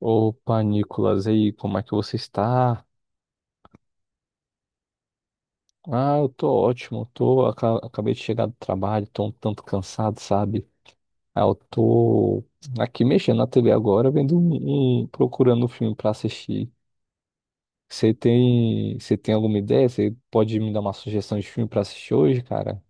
Opa, Nicolas, e aí, como é que você está? Ah, eu tô ótimo, acabei de chegar do trabalho, tô um tanto cansado, sabe? Ah, eu tô aqui mexendo na TV agora, vendo procurando um filme pra assistir. Você tem alguma ideia? Você pode me dar uma sugestão de filme pra assistir hoje, cara?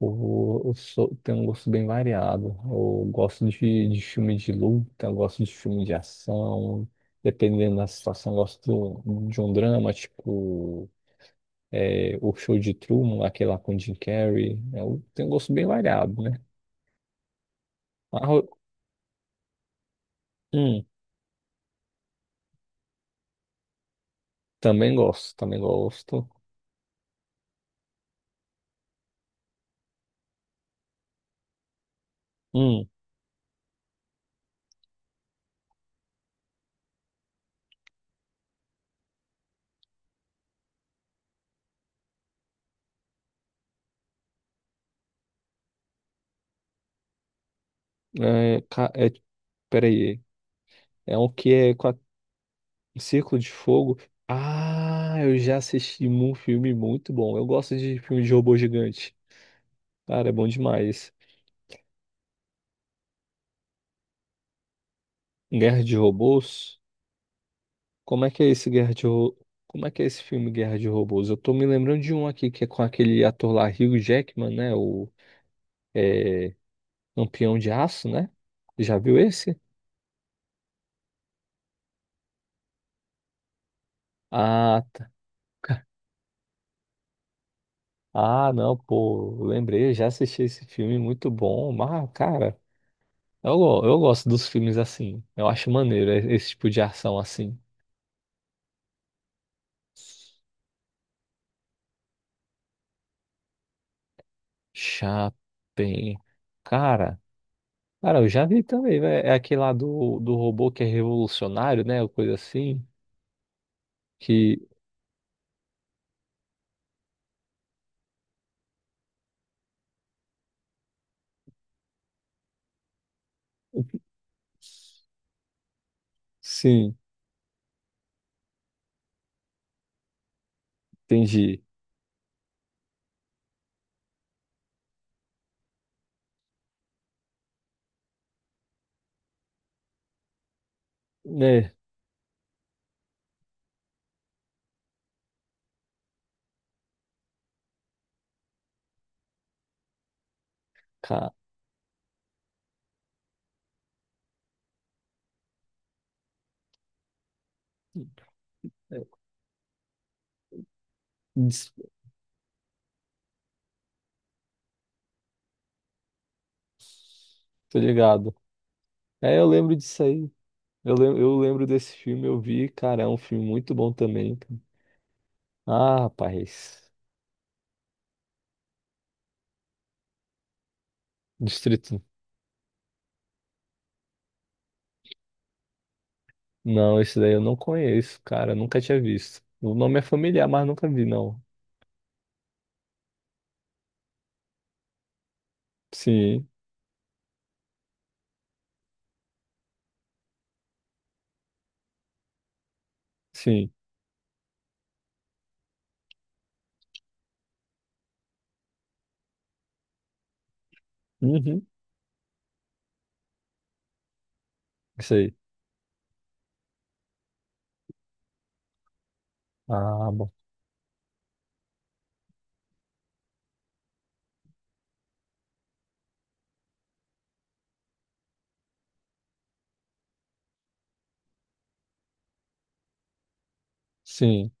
Tenho um gosto bem variado. Eu gosto de filme de luta, eu gosto de filme de ação, dependendo da situação, eu gosto de um drama, tipo. É, o show de Truman, aquele lá com o Jim Carrey. Tem um gosto bem variado, né? Arro- Hum, também gosto, também gosto. Hum, é, peraí. É um que é com a- Círculo de Fogo. Ah, eu já assisti um filme muito bom. Eu gosto de filme de robô gigante. Cara, é bom demais. Guerra de Robôs? Como é que é esse Guerra de Ro- Como é que é esse filme Guerra de Robôs? Eu tô me lembrando de um aqui que é com aquele ator lá, Hugh Jackman, né? É, Lampião de Aço, né? Já viu esse? Ah, tá. Ca- Ah, não, pô, lembrei, eu já assisti esse filme, muito bom. Mas, cara, eu gosto dos filmes assim. Eu acho maneiro esse tipo de ação assim. Chapem. Cara, cara, eu já vi também, velho. É aquele lá do robô que é revolucionário, né? Ou coisa assim. Que, sim, entendi. Né, cara, tô ligado. É, eu lembro disso aí. Eu lembro desse filme, eu vi, cara, é um filme muito bom também, cara. Ah, rapaz. Distrito. Não, esse daí eu não conheço, cara, nunca tinha visto. O nome é familiar, mas nunca vi, não. Sim, sim. Uhum. Isso aí. Ah, bom. Sim.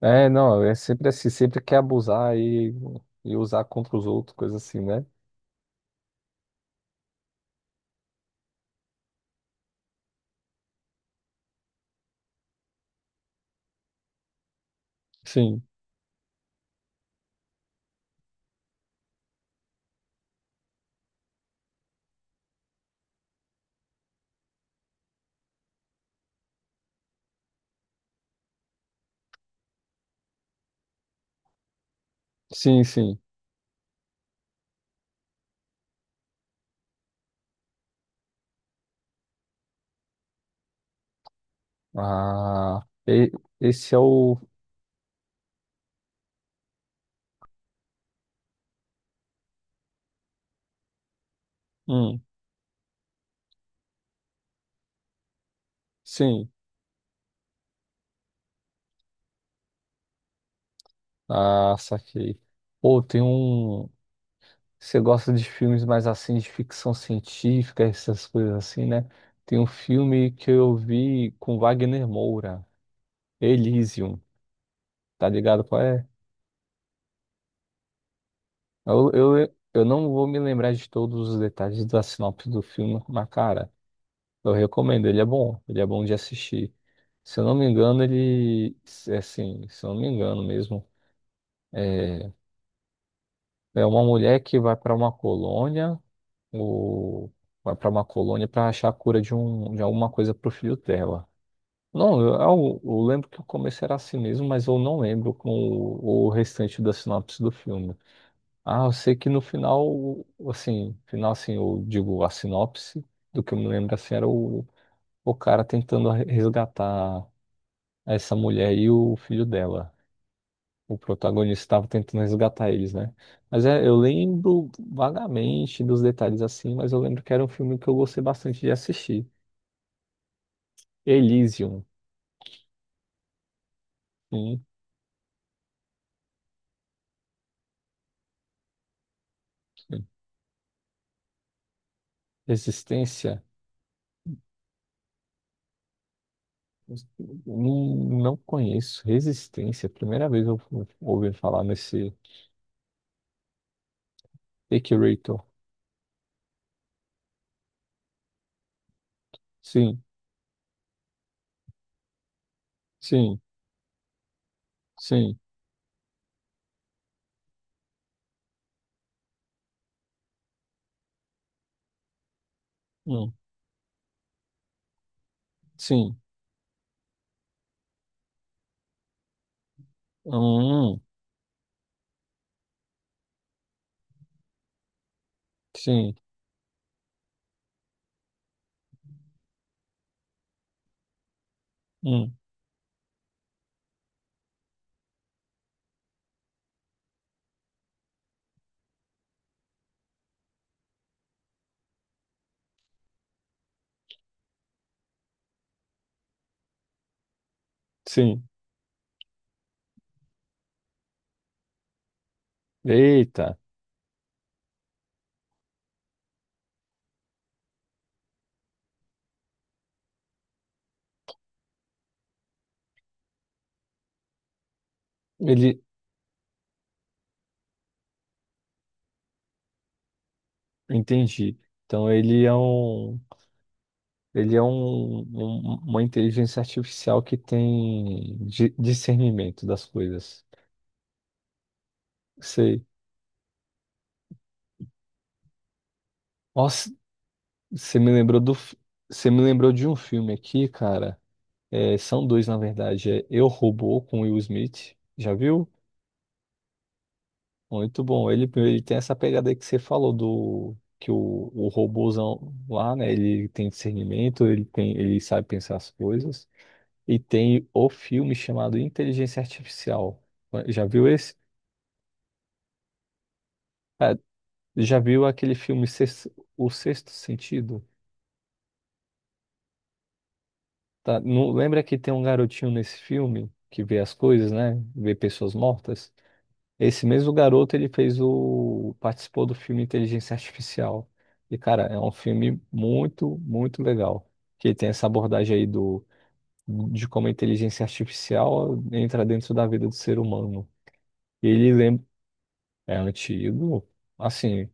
É, não, é sempre assim, sempre quer abusar e usar contra os outros, coisa assim, né? Sim, sim, sim. Ah, e- esse é o. Hum, sim. Ah, saquei. Pô, tem um. Você gosta de filmes mais assim, de ficção científica, essas coisas assim, né? Tem um filme que eu vi com Wagner Moura, Elysium, tá ligado qual é? Eu não vou me lembrar de todos os detalhes da sinopse do filme, mas cara, eu recomendo, ele é bom de assistir. Se eu não me engano, se eu não me engano mesmo. É, É uma mulher que vai para uma colônia, ou vai para uma colônia para achar a cura de alguma coisa para o filho dela. Não, eu lembro que o começo era assim mesmo, mas eu não lembro com o restante da sinopse do filme. Ah, eu sei que no final assim, eu digo a sinopse, do que eu me lembro assim, era o cara tentando resgatar essa mulher e o filho dela, o protagonista estava tentando resgatar eles, né? Mas é, eu lembro vagamente dos detalhes assim, mas eu lembro que era um filme que eu gostei bastante de assistir. Elysium, sim. Resistência, não, não conheço. Resistência, primeira vez ouvi falar nesse Equirator. Sim, sim, sim, hum, sim, hum, sim, hum, sim. Eita, ele, entendi. Então ele é um, uma inteligência artificial que tem discernimento das coisas. Sei. Nossa, você me lembrou você me lembrou de um filme aqui, cara. É, são dois, na verdade. É Eu, Robô, com Will Smith. Já viu? Muito bom. Ele tem essa pegada aí que você falou do que o robôzão lá, né? Ele tem discernimento, ele tem, ele sabe pensar as coisas. E tem o filme chamado Inteligência Artificial. Já viu esse? É, Já viu aquele filme Sex- O Sexto Sentido? Tá? Não, lembra que tem um garotinho nesse filme que vê as coisas, né? Vê pessoas mortas? Esse mesmo garoto, ele fez o... participou do filme Inteligência Artificial. E, cara, é um filme muito, muito legal. Que tem essa abordagem aí do... de como a inteligência artificial entra dentro da vida do ser humano. E ele lembra... É antigo, assim...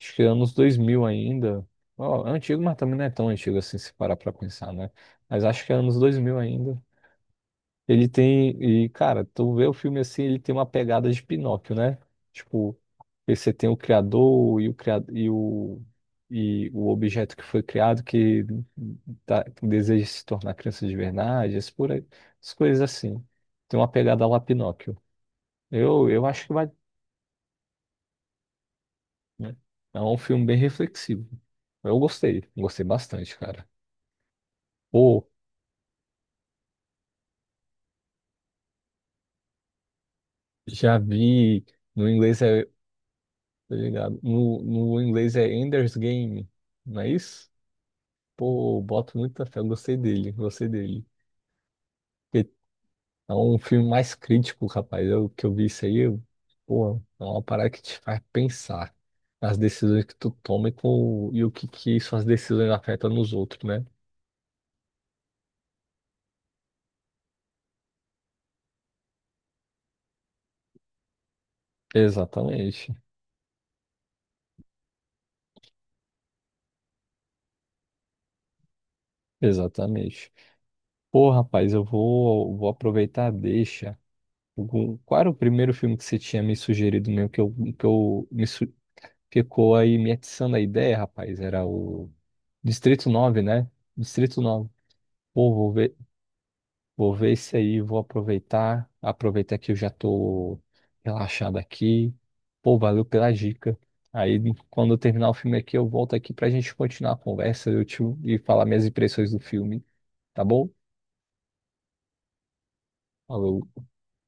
Acho que é anos 2000 ainda. Ó, é antigo, mas também não é tão antigo assim, se parar pra pensar, né? Mas acho que é anos 2000 ainda. Ele tem. E, cara, tu vê o filme assim, ele tem uma pegada de Pinóquio, né? Tipo, aí você tem o criador criado, e o objeto que foi criado que que deseja se tornar criança de verdade, as, por aí, as coisas assim. Tem uma pegada lá Pinóquio. Eu acho que vai. Né? É um filme bem reflexivo. Eu gostei, gostei bastante, cara. Pô, já vi. No inglês é. Tá ligado? No inglês é Ender's Game, não é isso? Pô, eu boto muita fé. Eu gostei dele, gostei dele. Porque é um filme mais crítico, rapaz. Eu que eu vi isso aí, eu, pô, é uma parada que te faz pensar nas decisões que tu toma e o que, que suas decisões afetam nos outros, né? Exatamente, exatamente. Pô, rapaz, vou aproveitar a deixa. Qual era o primeiro filme que você tinha me sugerido mesmo, que eu me su- ficou aí me atiçando a ideia, rapaz? Era o Distrito 9, né? Distrito 9. Pô, vou ver esse aí, vou aproveitar. Aproveitar que eu já tô relaxado aqui. Pô, valeu pela dica. Aí, quando eu terminar o filme aqui, eu volto aqui pra gente continuar a conversa, e falar minhas impressões do filme, tá bom? Falou.